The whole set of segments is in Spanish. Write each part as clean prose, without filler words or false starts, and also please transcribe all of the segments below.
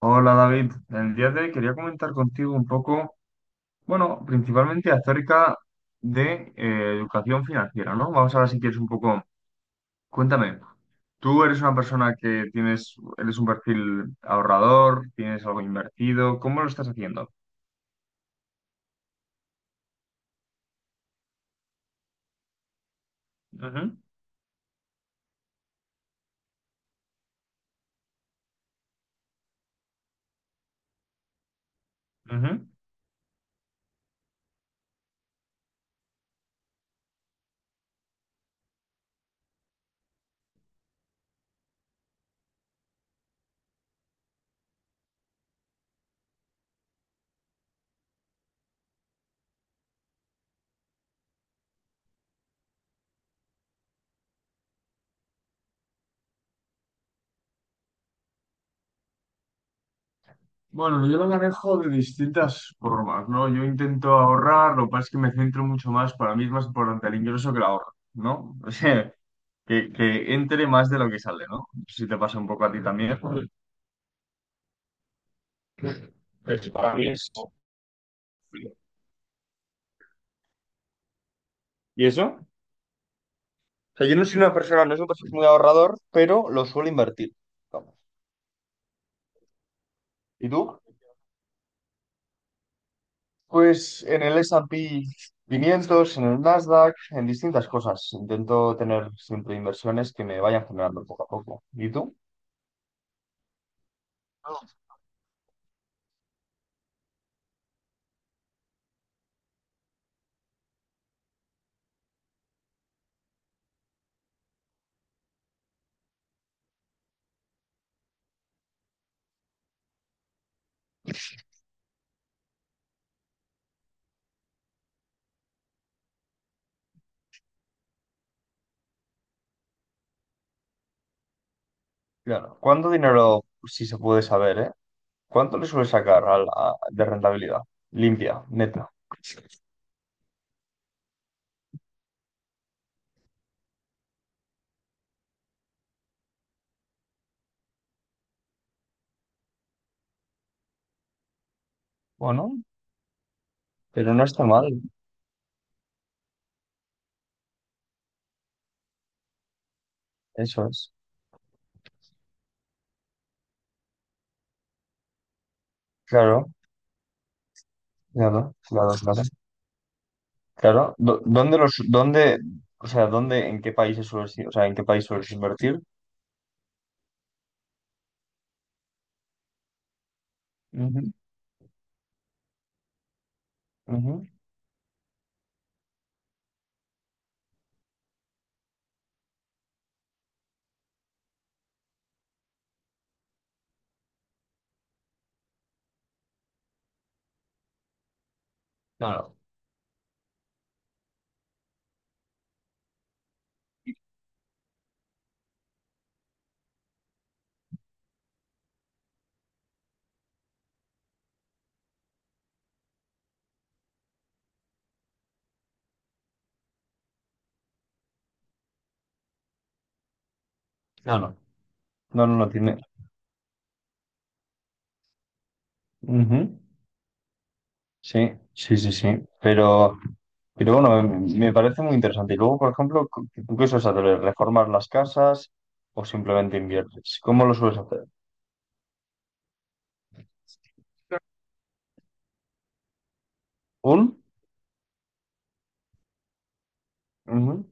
Hola David, el día de hoy quería comentar contigo un poco, bueno, principalmente acerca de educación financiera, ¿no? Vamos a ver si quieres un poco, cuéntame, tú eres una persona que tienes, eres un perfil ahorrador, tienes algo invertido, ¿cómo lo estás haciendo? Ujú, ujú. Bueno, yo lo manejo de distintas formas, ¿no? Yo intento ahorrar, lo que pasa es que me centro mucho más, para mí es más importante el ingreso que el ahorro, ¿no? Que entre más de lo que sale, ¿no? No sé si te pasa un poco a ti también. Pues para mí es- ¿Y eso? O sea, yo no soy una persona, no soy un perfil muy ahorrador, pero lo suelo invertir. Vamos. ¿Y tú? Pues en el S&P 500, en el Nasdaq, en distintas cosas. Intento tener siempre inversiones que me vayan generando poco a poco. ¿Y tú? Claro. ¿Cuánto dinero, si se puede saber, eh? ¿Cuánto le suele sacar a la- de rentabilidad? Limpia, neta. Bueno, pero no está mal, eso es. Claro, claro, claro, claro. Claro. Do- ¿Dónde los, dónde, o sea, dónde, en qué países sueles ir? O sea, ¿en qué país sueles invertir? Ujú, ujú. Claro, claro. No, no, no tiene. Ujú. Sí, sí, sí, sí. Pero, pero bueno, me parece muy interesante. Y luego, por ejemplo, cu- ¿tú qué sueles hacer? ¿Reformar las casas o simplemente inviertes? ¿Cómo lo sueles hacer? ¿Un? Ujú.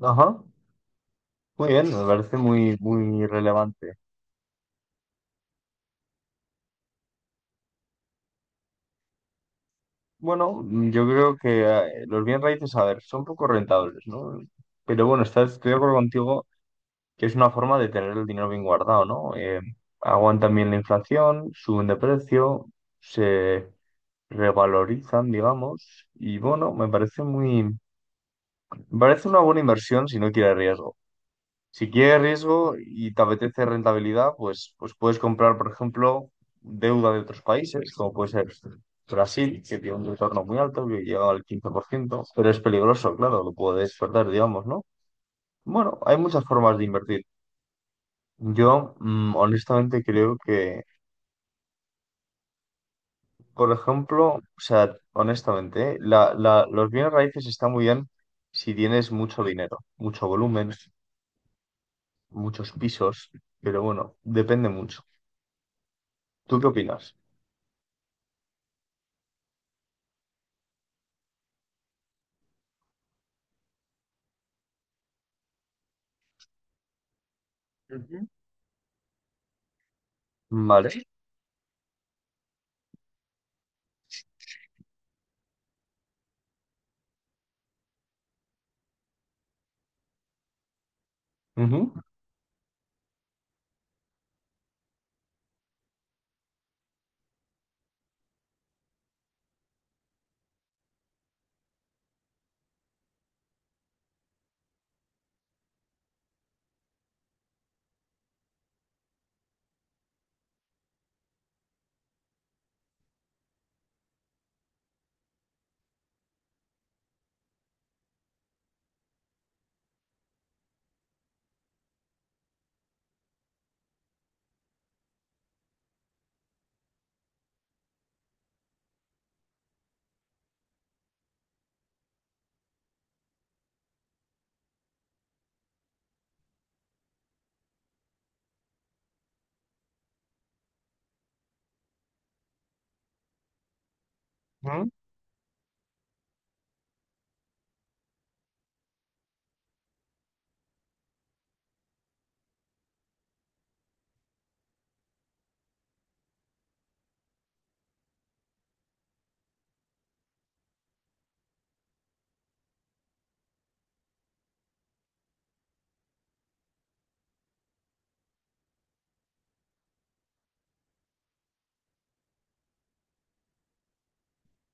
Ajá. Muy bien, me parece muy, muy relevante. Bueno, mm, yo creo que los bien raíces, a ver, son poco rentables, ¿no? Pero bueno, estoy de acuerdo contigo que es una forma de tener el dinero bien guardado, ¿no? Aguantan bien la inflación, suben de precio, se revalorizan, digamos, y bueno, me parece una buena inversión si no quiere riesgo. Si quieres riesgo y te apetece rentabilidad, pues puedes comprar, por ejemplo, deuda de otros países, como puede ser Brasil, que tiene un retorno muy alto, que llega al 15%, pero es peligroso, claro, lo puedes perder, digamos, ¿no? Bueno, hay muchas formas de invertir. Yo, mm, honestamente, creo que, por ejemplo, o sea, honestamente, ¿eh? Los bienes raíces están muy bien si tienes mucho dinero, mucho volumen, muchos pisos, pero bueno, depende mucho. ¿Tú qué opinas? Vale. Ujú, ujú.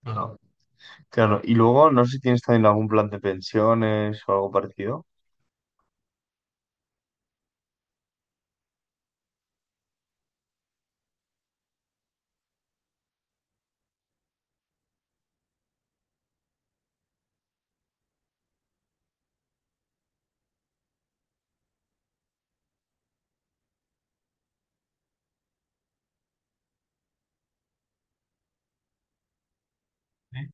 Claro. Claro. Y luego, no sé si tienes también algún plan de pensiones o algo parecido. Sí.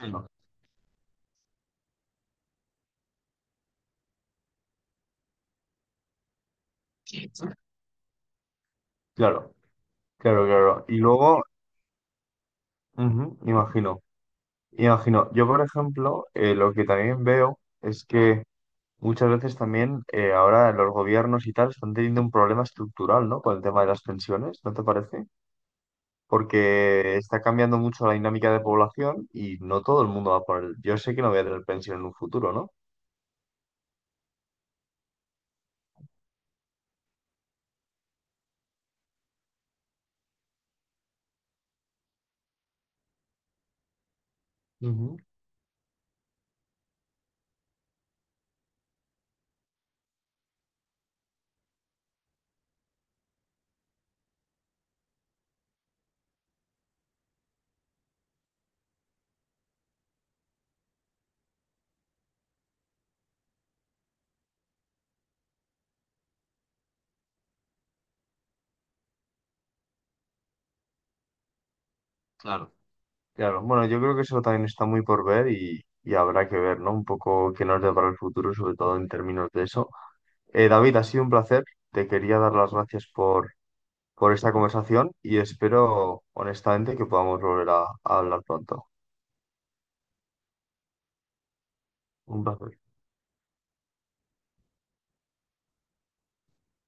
Sí, no. Claro, claro, claro. Y luego, ujú, imagino, imagino. Yo, por ejemplo, lo que también veo es que muchas veces también ahora los gobiernos y tal están teniendo un problema estructural, ¿no? Con el tema de las pensiones, ¿no te parece? Porque está cambiando mucho la dinámica de población y no todo el mundo va por el... Yo sé que no voy a tener pensión en un futuro, ¿no? Ujú, claro. Claro, bueno, yo creo que eso también está muy por ver y habrá que ver, ¿no? Un poco qué nos depara el futuro, sobre todo en términos de eso. David, ha sido un placer. Te quería dar las gracias por esta conversación y espero, honestamente, que podamos volver a hablar pronto. Un placer.